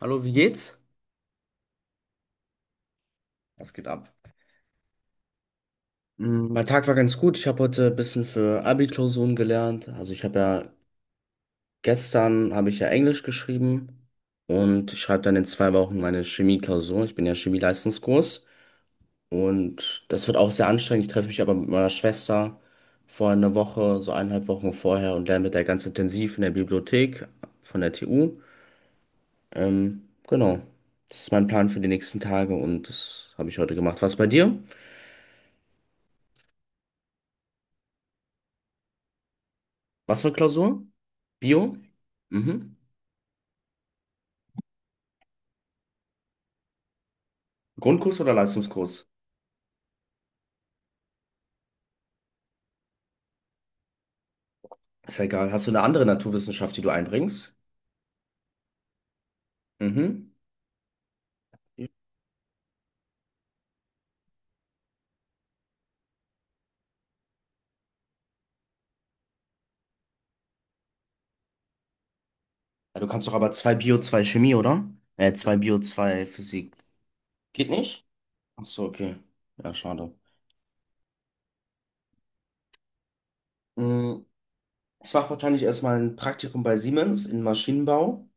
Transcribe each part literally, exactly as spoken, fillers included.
Hallo, wie geht's? Was geht ab? Mm, Mein Tag war ganz gut. Ich habe heute ein bisschen für Abi-Klausuren gelernt. Also ich habe ja gestern habe ich ja Englisch geschrieben und ich schreibe dann in zwei Wochen meine Chemie-Klausur. Ich bin ja Chemie-Leistungskurs und das wird auch sehr anstrengend. Ich treffe mich aber mit meiner Schwester vor einer Woche, so eineinhalb Wochen vorher, und lerne mit der ganz intensiv in der Bibliothek von der T U. Ähm, genau, das ist mein Plan für die nächsten Tage und das habe ich heute gemacht. Was bei dir? Was für Klausur? Bio? Mhm. Grundkurs oder Leistungskurs? Ist ja egal. Hast du eine andere Naturwissenschaft, die du einbringst? Mhm. Ja, du kannst doch aber zwei Bio, zwei Chemie, oder? Äh, zwei Bio, zwei Physik. Geht nicht? Ach so, okay. Ja, schade. Mm, Ich mache wahrscheinlich erstmal ein Praktikum bei Siemens in Maschinenbau.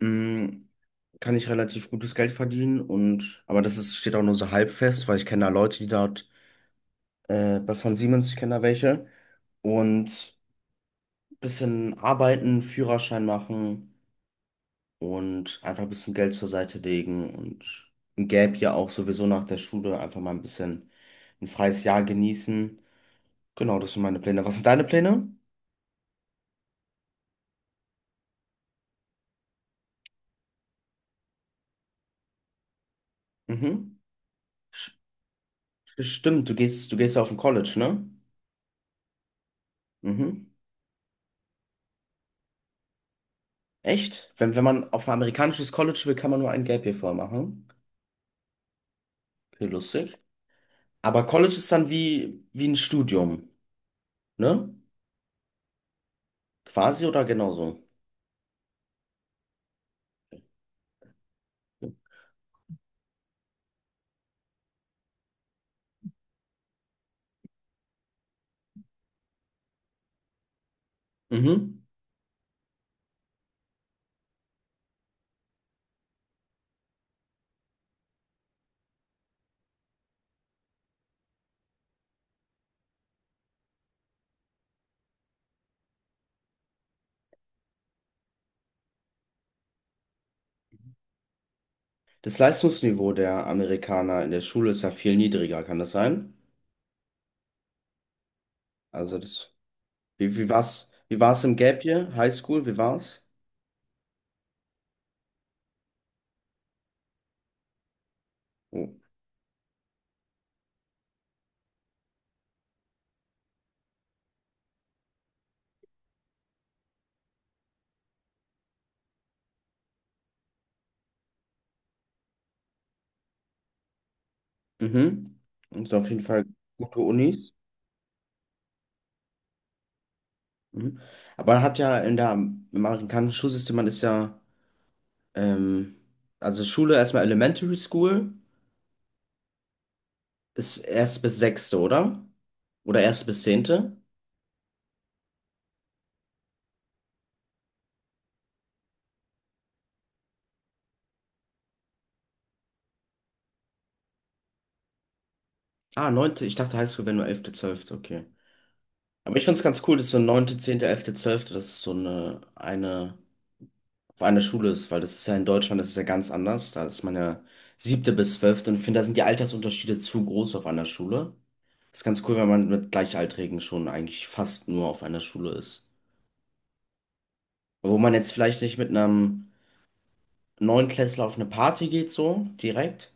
Mm, Kann ich relativ gutes Geld verdienen, und aber das ist, steht auch nur so halb fest, weil ich kenne da Leute, die dort äh, bei- von Siemens, ich kenne da welche. Und bisschen arbeiten, Führerschein machen und einfach ein bisschen Geld zur Seite legen und ein Gap ja auch sowieso nach der Schule einfach mal ein bisschen ein freies Jahr genießen. Genau, das sind meine Pläne. Was sind deine Pläne? Mhm. Sch- Stimmt, du gehst, du gehst ja auf ein College, ne? Mhm. Echt? Wenn, wenn man auf ein amerikanisches College will, kann man nur ein Gap Year vorher machen. Okay, lustig. Aber College ist dann wie, wie ein Studium, ne? Quasi oder genauso? Mhm. Das Leistungsniveau der Amerikaner in der Schule ist ja viel niedriger, kann das sein? Also das, wie, wie war's, wie war's im Gap Year? High School, wie war's? Oh. Mhm. Und auf jeden Fall gute Unis. Mhm. Aber man hat ja in der, im amerikanischen Schulsystem, man ist ja, ähm, also Schule erstmal Elementary School ist erst bis sechste, oder? Oder erst bis zehnte? Ah, neunte, ich dachte Highschool wäre nur elfte, zwölfte, okay. Aber ich find's ganz cool, dass so neunte, zehnte, elfte, zwölfte, das ist so eine, eine an der Schule ist, weil das ist ja in Deutschland, das ist ja ganz anders. Da ist man ja siebte bis zwölfte und ich finde, da sind die Altersunterschiede zu groß auf einer Schule. Das ist ganz cool, wenn man mit Gleichaltrigen schon eigentlich fast nur auf einer Schule ist. Wo man jetzt vielleicht nicht mit einem Neunklässler auf eine Party geht, so direkt,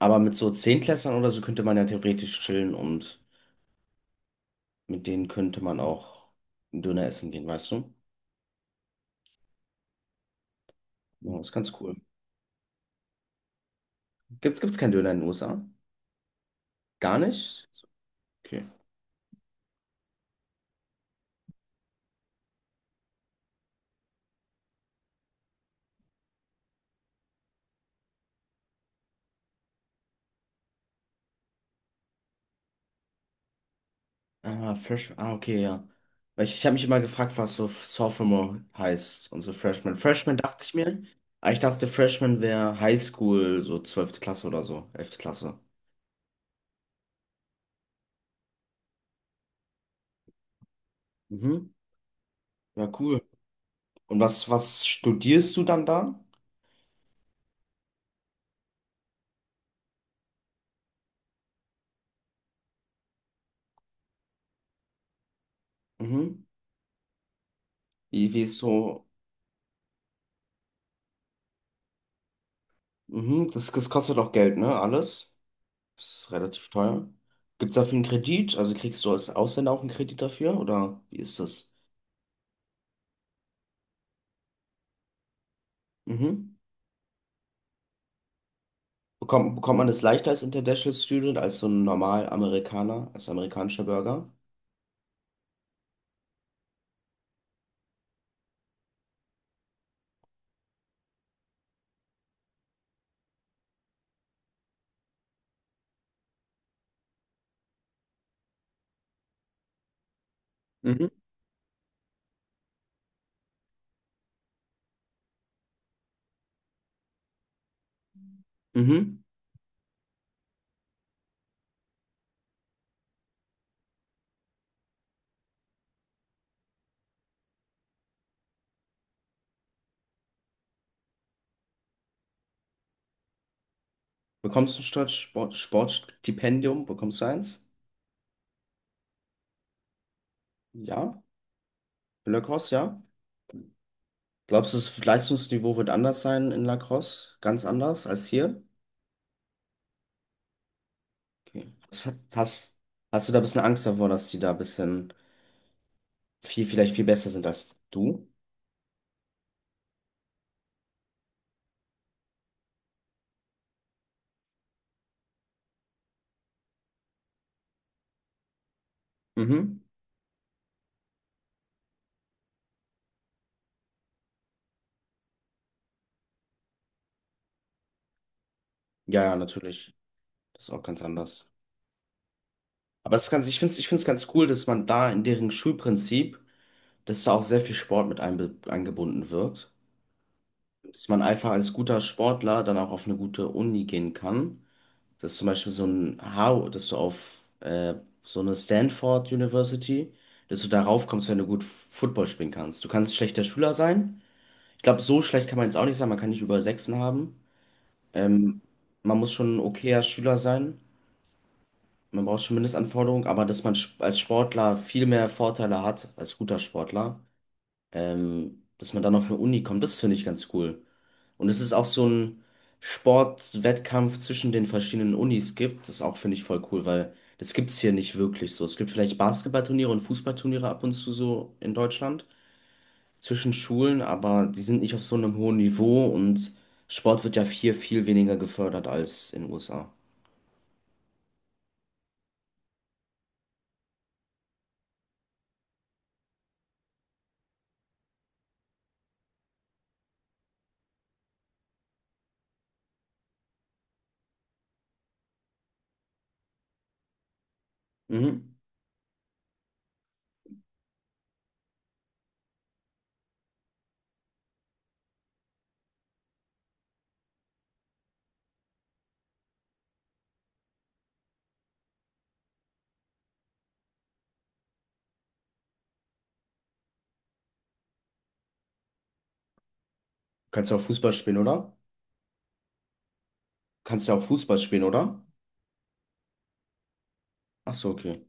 aber mit so Zehntklässlern oder so könnte man ja theoretisch chillen und mit denen könnte man auch einen Döner essen gehen, weißt du? Ja, das ist ganz cool. Gibt's, gibt's keinen Döner in den U S A? Gar nicht? Okay. Ah, Fresh. Ah, okay, ja. Weil ich, ich habe mich immer gefragt, was so Sophomore heißt und so Freshman. Freshman dachte ich mir. Aber ich dachte, Freshman wäre Highschool, so zwölfte Klasse oder so, elfte Klasse. Mhm. Ja, cool. Und was, was studierst du dann da? Mhm. Wie, wie ist so? Mhm. Das, das kostet auch Geld, ne? Alles. Ist relativ teuer. Gibt es dafür einen Kredit? Also kriegst du als Ausländer auch einen Kredit dafür? Oder wie ist das? Mhm. Bekommt, bekommt man das leichter als International Student, als so ein normal Amerikaner, als amerikanischer Bürger? Mhm. Mhm. Bekommst du statt Sport, Sportstipendium, bekommst du eins? Ja. Für Lacrosse, ja. Glaubst du, das Leistungsniveau wird anders sein in Lacrosse? Ganz anders als hier? Okay. Hast, hast, hast du da ein bisschen Angst davor, dass die da ein bisschen viel, vielleicht viel besser sind als du? Mhm. Ja, ja, natürlich. Das ist auch ganz anders. Aber es ist ganz, ich finde es ich find's ganz cool, dass man da in deren Schulprinzip, dass da auch sehr viel Sport mit einbe- eingebunden wird. Dass man einfach als guter Sportler dann auch auf eine gute Uni gehen kann. Dass zum Beispiel so ein Harvard, dass du auf äh, so eine Stanford University, dass du darauf kommst, wenn du gut F- Football spielen kannst. Du kannst schlechter Schüler sein. Ich glaube, so schlecht kann man jetzt auch nicht sein. Man kann nicht über Sechsen haben. Ähm, Man muss schon ein okayer Schüler sein. Man braucht schon Mindestanforderungen, aber dass man sp- als Sportler viel mehr Vorteile hat, als guter Sportler, ähm, dass man dann auf eine Uni kommt, das finde ich ganz cool. Und es ist auch so ein Sportwettkampf zwischen den verschiedenen Unis gibt, das auch finde ich voll cool, weil das gibt es hier nicht wirklich so. Es gibt vielleicht Basketballturniere und Fußballturniere ab und zu so in Deutschland zwischen Schulen, aber die sind nicht auf so einem hohen Niveau, und Sport wird ja hier viel weniger gefördert als in den U S A. Mhm. Kannst du auch Fußball spielen, oder? Kannst du auch Fußball spielen, oder? Ach so, okay.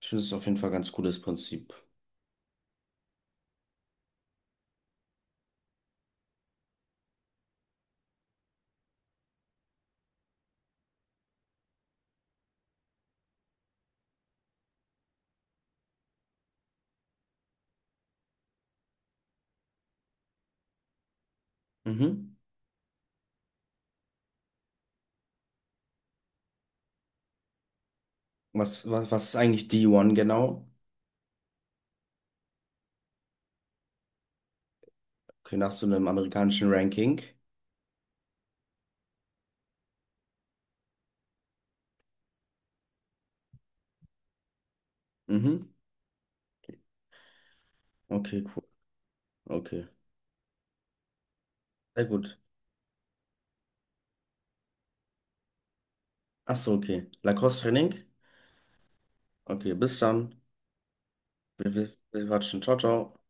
Ich finde es auf jeden Fall ein ganz cooles Prinzip. Mhm. Was, was, was ist eigentlich D eins genau? Okay, nach so einem amerikanischen Ranking. Mhm. Okay, cool. Okay. Sehr gut. Ach so, okay. Lacoste-Training? Okay, bis dann. Wir, wir, wir quatschen. Ciao, ciao.